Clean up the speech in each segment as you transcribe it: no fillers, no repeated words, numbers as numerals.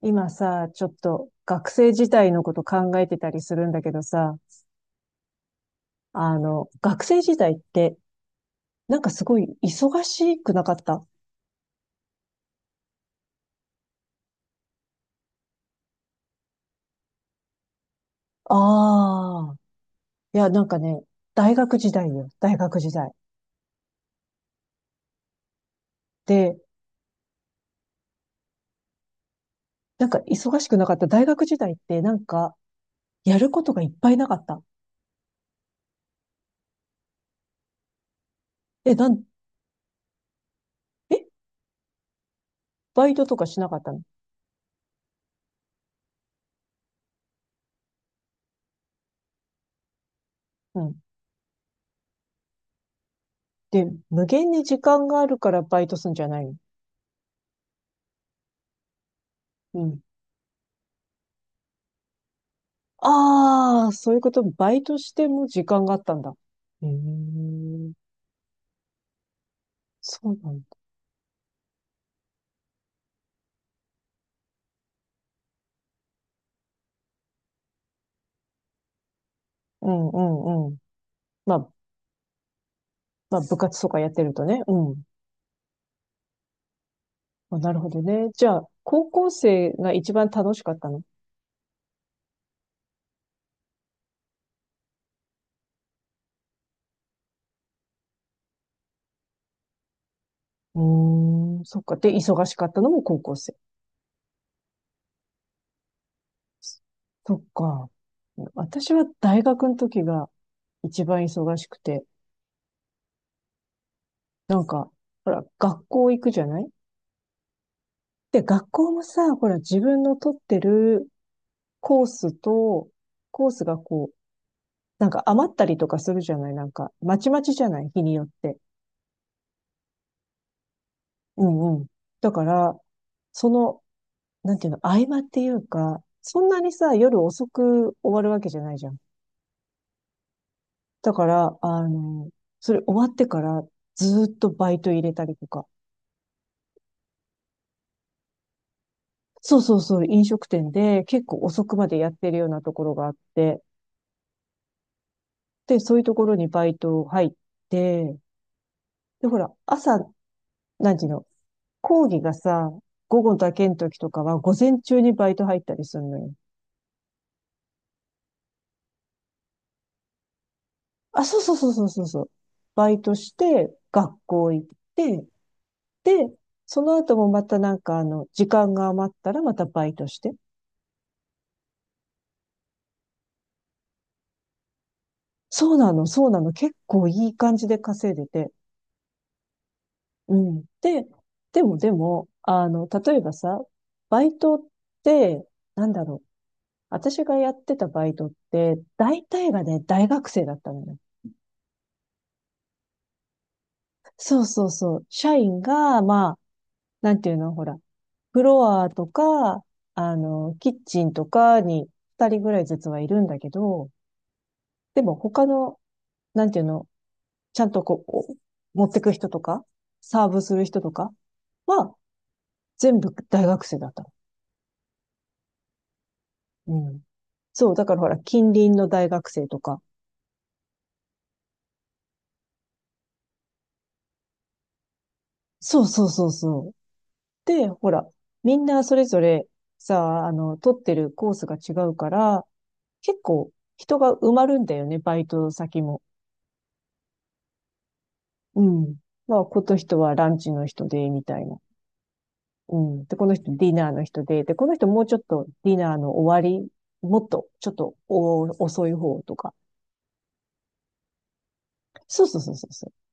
今さ、ちょっと学生時代のこと考えてたりするんだけどさ、あの、学生時代って、なんかすごい忙しくなかった？ああー、いや、なんかね、大学時代よ、大学時代。で、なんか忙しくなかった大学時代って、なんか、やることがいっぱいなかった。え、え、バイトとかしなかったの？うん。で、無限に時間があるからバイトすんじゃないの？うん。ああ、そういうこと、バイトしても時間があったんだ。へえ、そうなんだ。うんうんうん。まあ、まあ、部活とかやってるとね。うん。まあ、なるほどね。じゃあ、高校生が一番楽しかったの？うーん、そっか。で、忙しかったのも高校生。そっか。私は大学の時が一番忙しくて、なんか、ほら、学校行くじゃない？で、学校もさ、ほら、自分の取ってるコースと、コースがこう、なんか余ったりとかするじゃない？なんか、まちまちじゃない、日によって。うんうん。だから、その、なんていうの、合間っていうか、そんなにさ、夜遅く終わるわけじゃないじゃん。だから、あの、それ終わってからずーっとバイト入れたりとか。そうそうそう、飲食店で結構遅くまでやってるようなところがあって、で、そういうところにバイト入って、で、ほら、朝、なんていうの、講義がさ、午後だけの時とかは午前中にバイト入ったりするのよ。あ、そうそうそうそうそうそう。バイトして、学校行って、で、その後もまたなんかあの、時間が余ったらまたバイトして。そうなの、そうなの。結構いい感じで稼いでて。うん。で、でも、あの、例えばさ、バイトって、なんだろう。私がやってたバイトって、大体がね、大学生だったのよ。そうそうそう。社員が、まあ、なんていうの、ほら、フロアとか、あの、キッチンとかに二人ぐらいずつはいるんだけど、でも他の、なんていうの、ちゃんとこう、お持ってく人とか、サーブする人とかは、全部大学生だったの。うん。そう、だからほら、近隣の大学生とか。そうそうそうそう。で、ほら、みんなそれぞれさ、あの、取ってるコースが違うから、結構人が埋まるんだよね、バイト先も。うん。まあ、この人はランチの人で、みたいな。うん。で、この人ディナーの人で、で、この人もうちょっとディナーの終わり、もっと、ちょっとお遅い方とか。そうそうそうそうそう。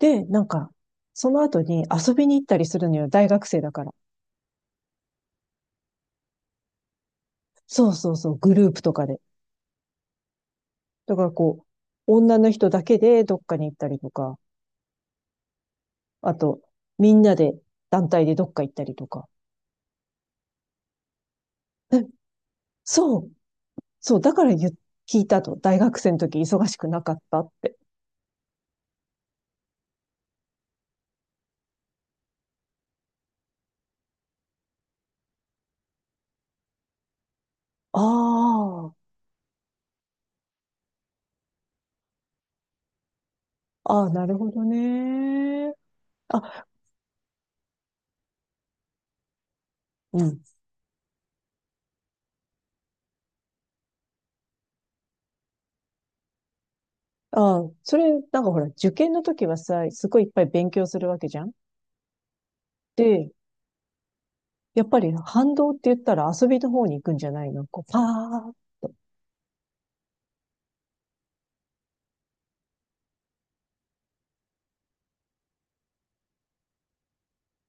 で、なんか、その後に遊びに行ったりするのよ、大学生だから。そうそうそう、グループとかで。だからこう、女の人だけでどっかに行ったりとか、あと、みんなで、団体でどっか行ったりとか。え、そう、そう、だから聞いたと、大学生の時忙しくなかったって。ああ、ああ、なるほどね。あ、うん。ああ、それ、なんかほら、受験の時はさ、すごいいっぱい勉強するわけじゃん。で、やっぱり反動って言ったら遊びの方に行くんじゃないの？こう、パー。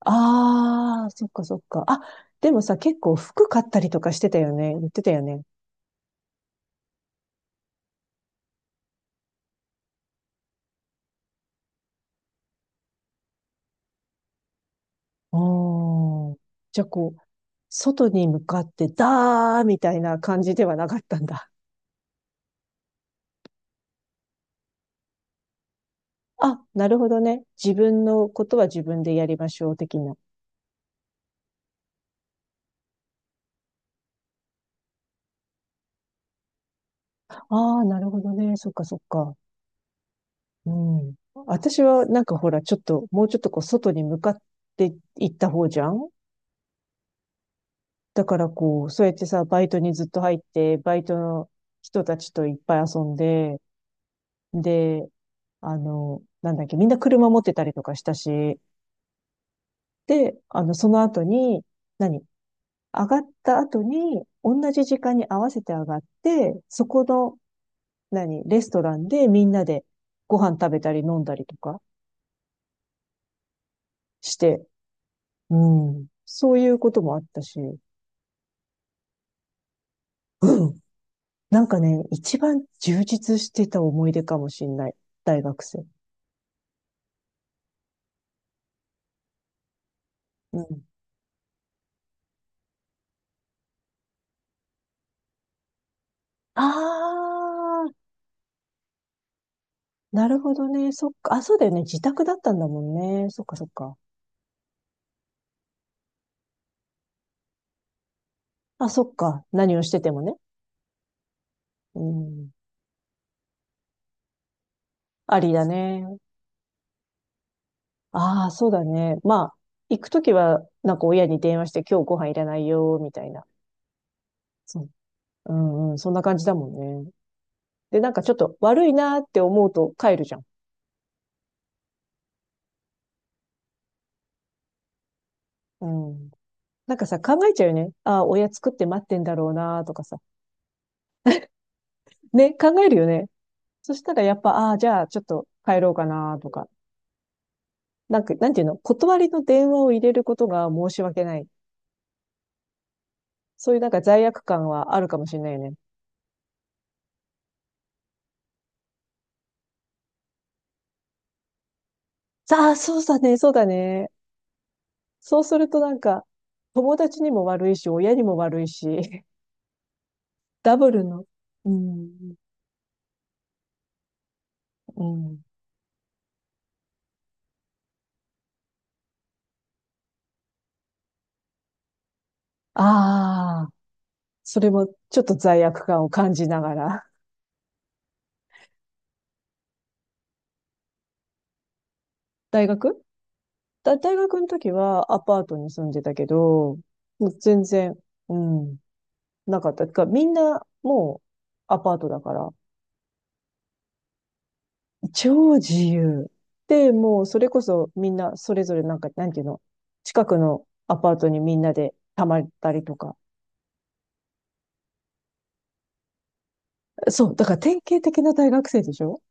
ああ、そっかそっか。あ、でもさ、結構服買ったりとかしてたよね。言ってたよね。ああ、じゃあこう、外に向かって、だーみたいな感じではなかったんだ。あ、なるほどね。自分のことは自分でやりましょう、的な。ああ、なるほどね。そっかそっか。うん。私はなんかほら、ちょっと、もうちょっとこう、外に向かって行った方じゃん。だからこう、そうやってさ、バイトにずっと入って、バイトの人たちといっぱい遊んで、で、あの、なんだっけ、みんな車持ってたりとかしたし、で、あの、その後に、何上がった後に、同じ時間に合わせて上がって、そこの、何レストランでみんなでご飯食べたり飲んだりとかして、うん。そういうこともあったし、うん。なんかね、一番充実してた思い出かもしんない。大学生。うん。あー、なるほどね。そっか。あ、そうだよね。自宅だったんだもんね。そっかそっか。あ、そっか。何をしててもね。うん。ありだね。ああ、そうだね。まあ、行くときは、なんか親に電話して今日ご飯いらないよ、みたいな。そう。うんうん。そんな感じだもんね。で、なんかちょっと悪いなーって思うと帰るじゃん。うん。なんかさ、考えちゃうよね。ああ、親作って待ってんだろうなとかさ。ね、考えるよね。そしたらやっぱ、ああ、じゃあちょっと帰ろうかなとか。なんか、なんていうの、断りの電話を入れることが申し訳ない。そういうなんか罪悪感はあるかもしれないよね。ああ、そうだね、そうだね。そうするとなんか、友達にも悪いし、親にも悪いし、ダブルの、うん、うん。ああ、それもちょっと罪悪感を感じながら。大学大学の時はアパートに住んでたけど、もう全然、うん、なかった。てか、みんなもうアパートだから、超自由。で、もうそれこそみんなそれぞれなんか、なんていうの、近くのアパートにみんなで泊まったりとか。そう、だから典型的な大学生でしょ？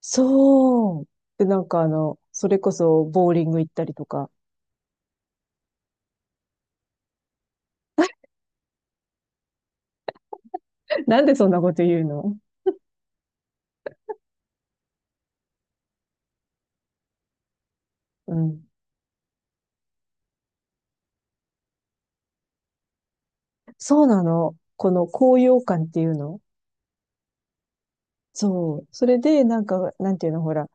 そう。で、なんかあの、それこそボーリング行ったりとか。なんでそんなこと言うの？うん。そうなの。この高揚感っていうの？そう。それで、なんか、なんていうの、ほら、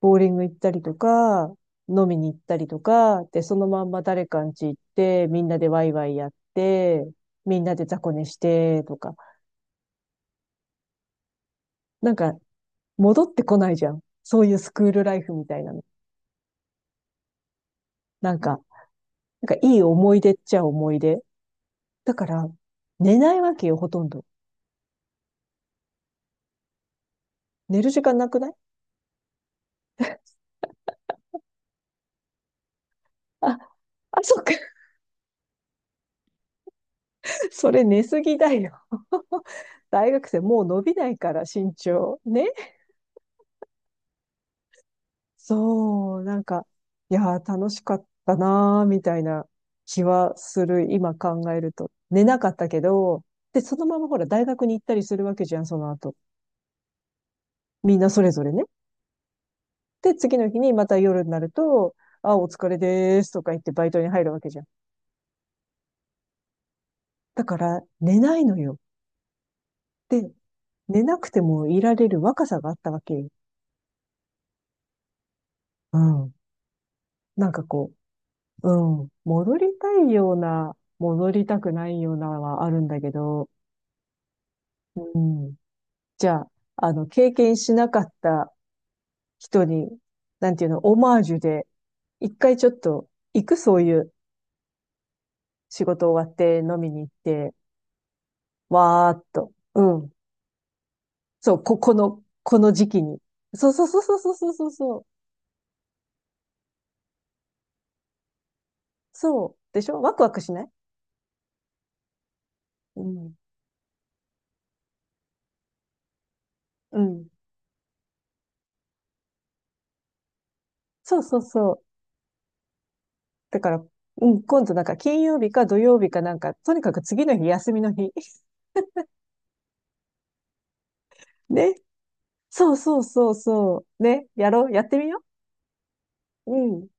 ボーリング行ったりとか、飲みに行ったりとか、で、そのまんま誰かんち行って、みんなでワイワイやって、みんなで雑魚寝して、とか。なんか、戻ってこないじゃん。そういうスクールライフみたいなの。なんか、なんかいい思い出っちゃ思い出。だから、寝ないわけよ、ほとんど。寝る時間なくない？あ、あ、そっか。それ寝すぎだよ。大学生もう伸びないから、身長。ね？そう、なんか、いやー、楽しかったなー、みたいな気はする、今考えると。寝なかったけど、で、そのままほら、大学に行ったりするわけじゃん、その後。みんなそれぞれね。で、次の日にまた夜になると、あ、お疲れでーすとか言ってバイトに入るわけじゃん。だから、寝ないのよ。で、寝なくてもいられる若さがあったわけよ。うん。なんかこう、うん。戻りたいような、戻りたくないようなはあるんだけど、うん。じゃあ、あの、経験しなかった人に、なんていうの、オマージュで、一回ちょっと、行くそういう仕事終わって飲みに行って、わーっと。うん。そう、この時期に。そうそうそうそうそうそうそうそう。そうでしょ？ワクワクしない？うん。うん。そうそうそう。だから、うん、今度なんか金曜日か土曜日かなんか、とにかく次の日休みの日。ね。そうそうそうそう。ね。やろう。やってみよう。うん。